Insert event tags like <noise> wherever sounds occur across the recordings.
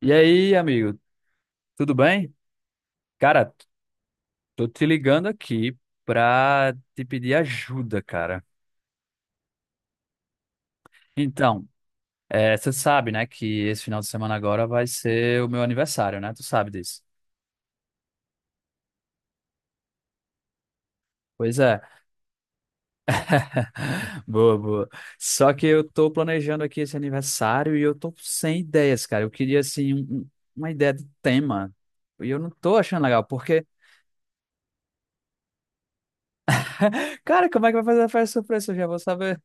E aí, amigo, tudo bem? Cara, tô te ligando aqui pra te pedir ajuda, cara. Então, você sabe, né, que esse final de semana agora vai ser o meu aniversário, né? Tu sabe disso. Pois é. <laughs> Boa, boa. Só que eu tô planejando aqui esse aniversário e eu tô sem ideias, cara. Eu queria, assim, uma ideia de tema. E eu não tô achando legal, porque, <laughs> cara, como é que vai fazer a festa surpresa? Eu já vou saber.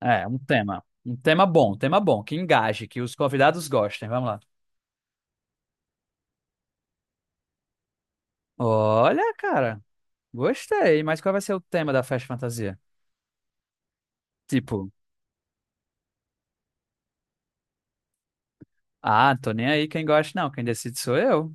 É, um tema. Um tema bom, que engaje, que os convidados gostem. Vamos lá. Olha, cara, gostei, mas qual vai ser o tema da festa fantasia? Tipo, ah, tô nem aí quem gosta, não, quem decide sou eu.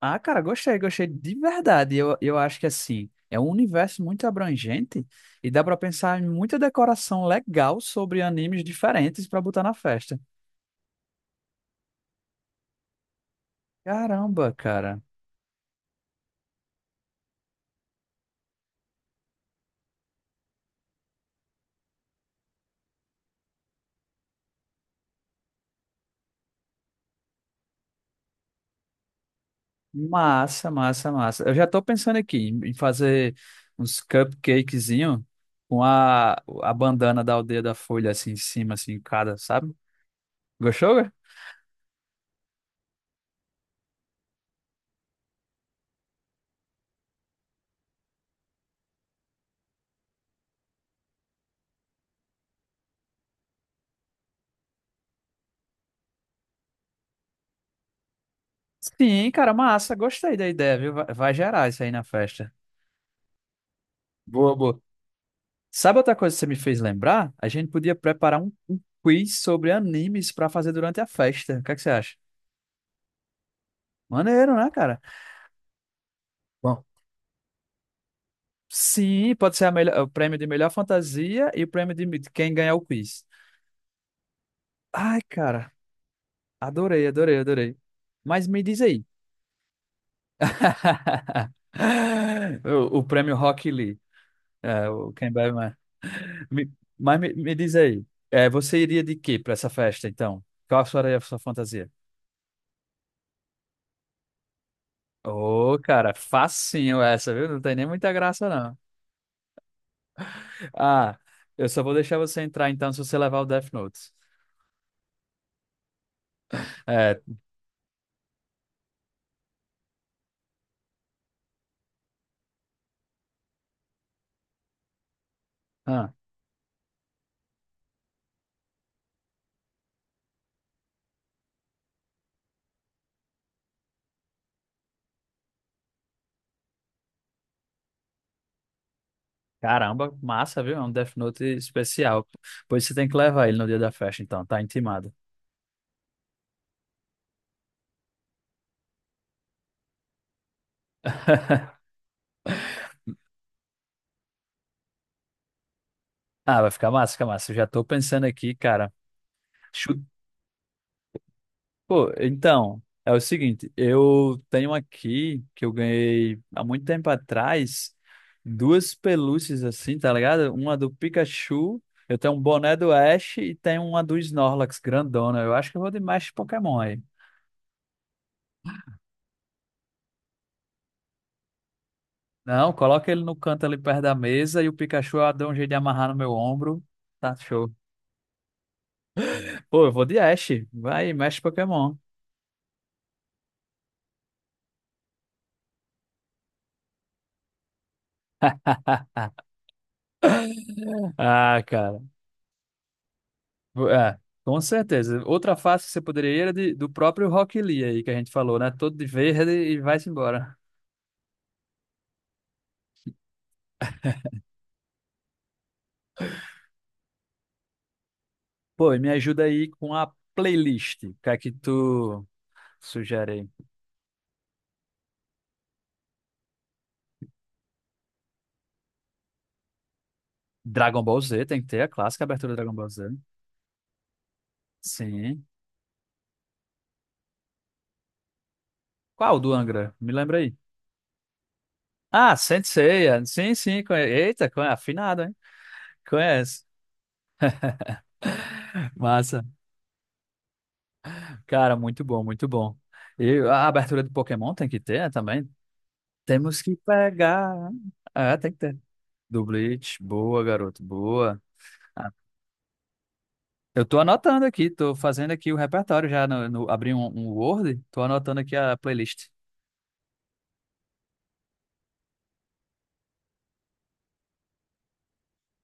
Ah, cara, gostei, gostei de verdade. Eu acho que assim, é um universo muito abrangente e dá pra pensar em muita decoração legal sobre animes diferentes pra botar na festa. Caramba, cara. Massa, massa, massa. Eu já tô pensando aqui em fazer uns cupcakezinho com a bandana da Aldeia da Folha assim em cima, assim, em cada, sabe? Gostou? Cara? Sim, cara, massa. Gostei da ideia, viu? Vai, vai gerar isso aí na festa. Boa, boa. Sabe outra coisa que você me fez lembrar? A gente podia preparar um quiz sobre animes pra fazer durante a festa. O que é que você acha? Maneiro, né, cara? Bom, Sim, pode ser a melhor- o prêmio de melhor fantasia e o prêmio de quem ganhar o quiz. Ai, cara. Adorei, adorei, adorei. Mas me diz aí. <laughs> O, o prêmio Rock Lee, é, o Quem Bebe Mais. Me- me diz aí, é, você iria de quê para essa festa, então? Qual seria a sua fantasia? Ô, cara, facinho essa, viu? Não tem nem muita graça, não. Ah, eu só vou deixar você entrar, então, se você levar o Death Note. É, ah, caramba, massa, viu? É um Death Note especial. Pois você tem que levar ele no dia da festa, então, tá intimado. <laughs> Ah, vai ficar massa, fica massa. Eu já tô pensando aqui, cara. Chu- Pô, então, é o seguinte, eu tenho aqui que eu ganhei há muito tempo atrás duas pelúcias assim, tá ligado? Uma do Pikachu, eu tenho um boné do Ash e tenho uma do Snorlax grandona. Eu acho que eu vou de mais Pokémon aí. Não, coloca ele no canto ali perto da mesa e o Pikachu eu dou um jeito de amarrar no meu ombro. Tá show. Pô, eu vou de Ash. Vai, Mestre Pokémon. <laughs> Ah, cara. É, com certeza. Outra fase que você poderia ir era de- do próprio Rock Lee aí que a gente falou, né? Todo de verde e vai-se embora. Pô, e me ajuda aí com a playlist. O que é que tu sugere aí? Dragon Ball Z, tem que ter a clássica abertura do Dragon Ball Z. Sim. Qual do Angra? Me lembra aí. Ah, Sensei. Sim, sim. Conhe... Eita, conhe... afinado, hein? Conhece. <laughs> Massa. Cara, muito bom, muito bom. E a abertura do Pokémon tem que ter, né, também. Temos que pegar. É, tem que ter. Do Bleach, boa, garoto, boa. Ah, eu tô anotando aqui, tô fazendo aqui o repertório já, abri um Word, tô anotando aqui a playlist.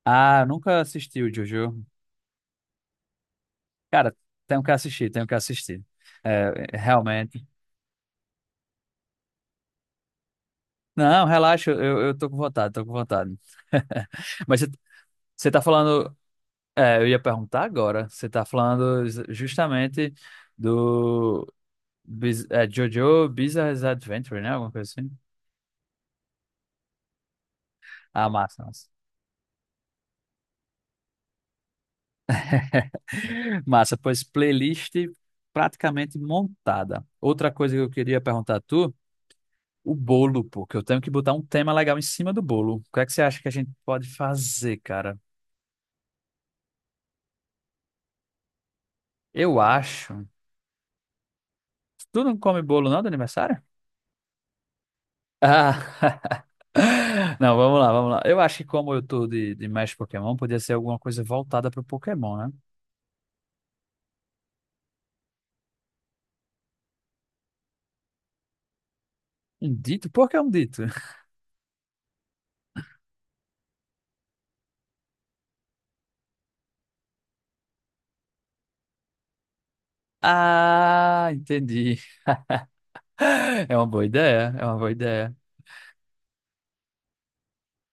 Ah, eu nunca assisti o Jojo. Cara, tenho que assistir, tenho que assistir. É, realmente. Não, relaxa, eu tô com vontade, tô com vontade. <laughs> Mas você você tá falando, é, eu ia perguntar agora, você tá falando justamente do Jojo Bizarre Adventure, né? Alguma coisa assim. Ah, massa, massa. <laughs> Massa, pois playlist praticamente montada. Outra coisa que eu queria perguntar a tu, o bolo, pô, que eu tenho que botar um tema legal em cima do bolo. O que é que você acha que a gente pode fazer, cara? Eu acho. Tu não come bolo não do aniversário? Ah. <laughs> Não, vamos lá, vamos lá. Eu acho que como eu tô de mestre Pokémon, podia ser alguma coisa voltada pro Pokémon, né? Um dito? Por que um dito? <laughs> Ah, entendi. É uma boa ideia, é uma boa ideia.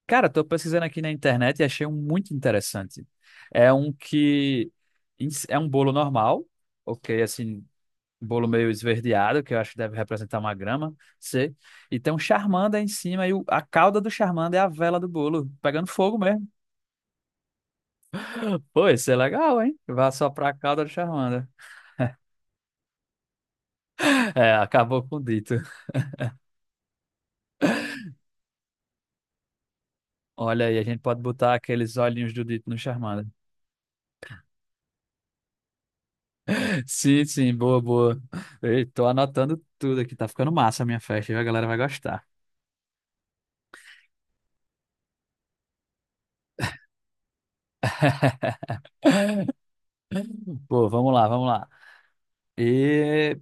Cara, tô pesquisando aqui na internet e achei um muito interessante. É um que é um bolo normal, ok, assim, um bolo meio esverdeado, que eu acho que deve representar uma grama, sei. E tem um charmander em cima e a cauda do charmander é a vela do bolo, pegando fogo mesmo. Pô, isso é legal, hein? Vai soprar a cauda do charmander. É, acabou com o dito. Olha aí, a gente pode botar aqueles olhinhos do dito no charmander. Sim, sim, boa, boa. Ei, tô anotando tudo aqui, tá ficando massa a minha festa, viu? A galera vai gostar. <laughs> Pô, vamos lá, vamos lá. E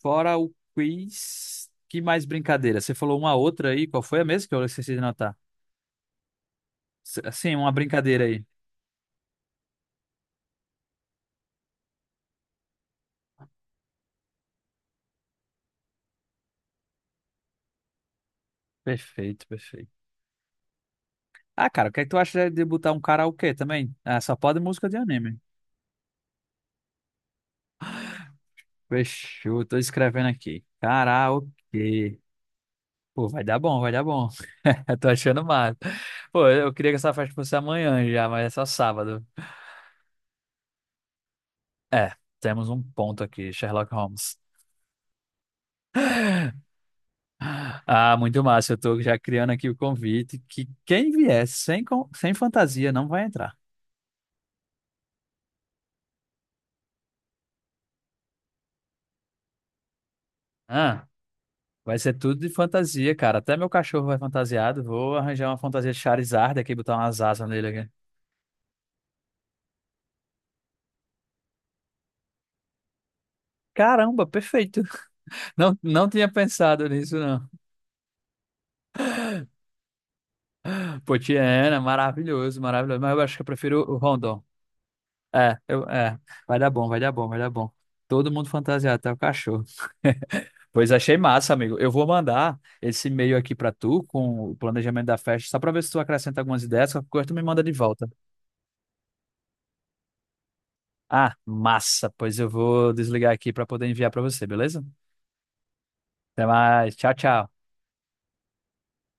fora o quiz, que mais brincadeira? Você falou uma outra aí, qual foi a mesma que eu esqueci de anotar? Sim, uma brincadeira aí. Perfeito, perfeito. Ah, cara, o que é que tu acha de botar um karaokê também? Ah, só pode música de anime. Fechou, tô escrevendo aqui. Karaokê. Pô, vai dar bom, vai dar bom. <laughs> Eu tô achando massa. Pô, eu queria que essa festa fosse amanhã já, mas é só sábado. É, temos um ponto aqui, Sherlock Holmes. Ah, muito massa. Eu tô já criando aqui o convite que quem vier sem, sem fantasia não vai entrar. Ah, vai ser tudo de fantasia, cara. Até meu cachorro vai fantasiado. Vou arranjar uma fantasia de Charizard aqui, botar umas asas nele aqui. Caramba, perfeito. <laughs> Não, não tinha pensado nisso, não. Potiena, maravilhoso, maravilhoso. Mas eu acho que eu prefiro o Rondon. É, eu, é, vai dar bom, vai dar bom, vai dar bom. Todo mundo fantasiado, até o cachorro. <laughs> Pois achei massa, amigo. Eu vou mandar esse e-mail aqui pra tu com o planejamento da festa, só pra ver se tu acrescenta algumas ideias, qualquer coisa tu me manda de volta. Ah, massa. Pois eu vou desligar aqui pra poder enviar pra você, beleza? Até mais. Tchau, tchau.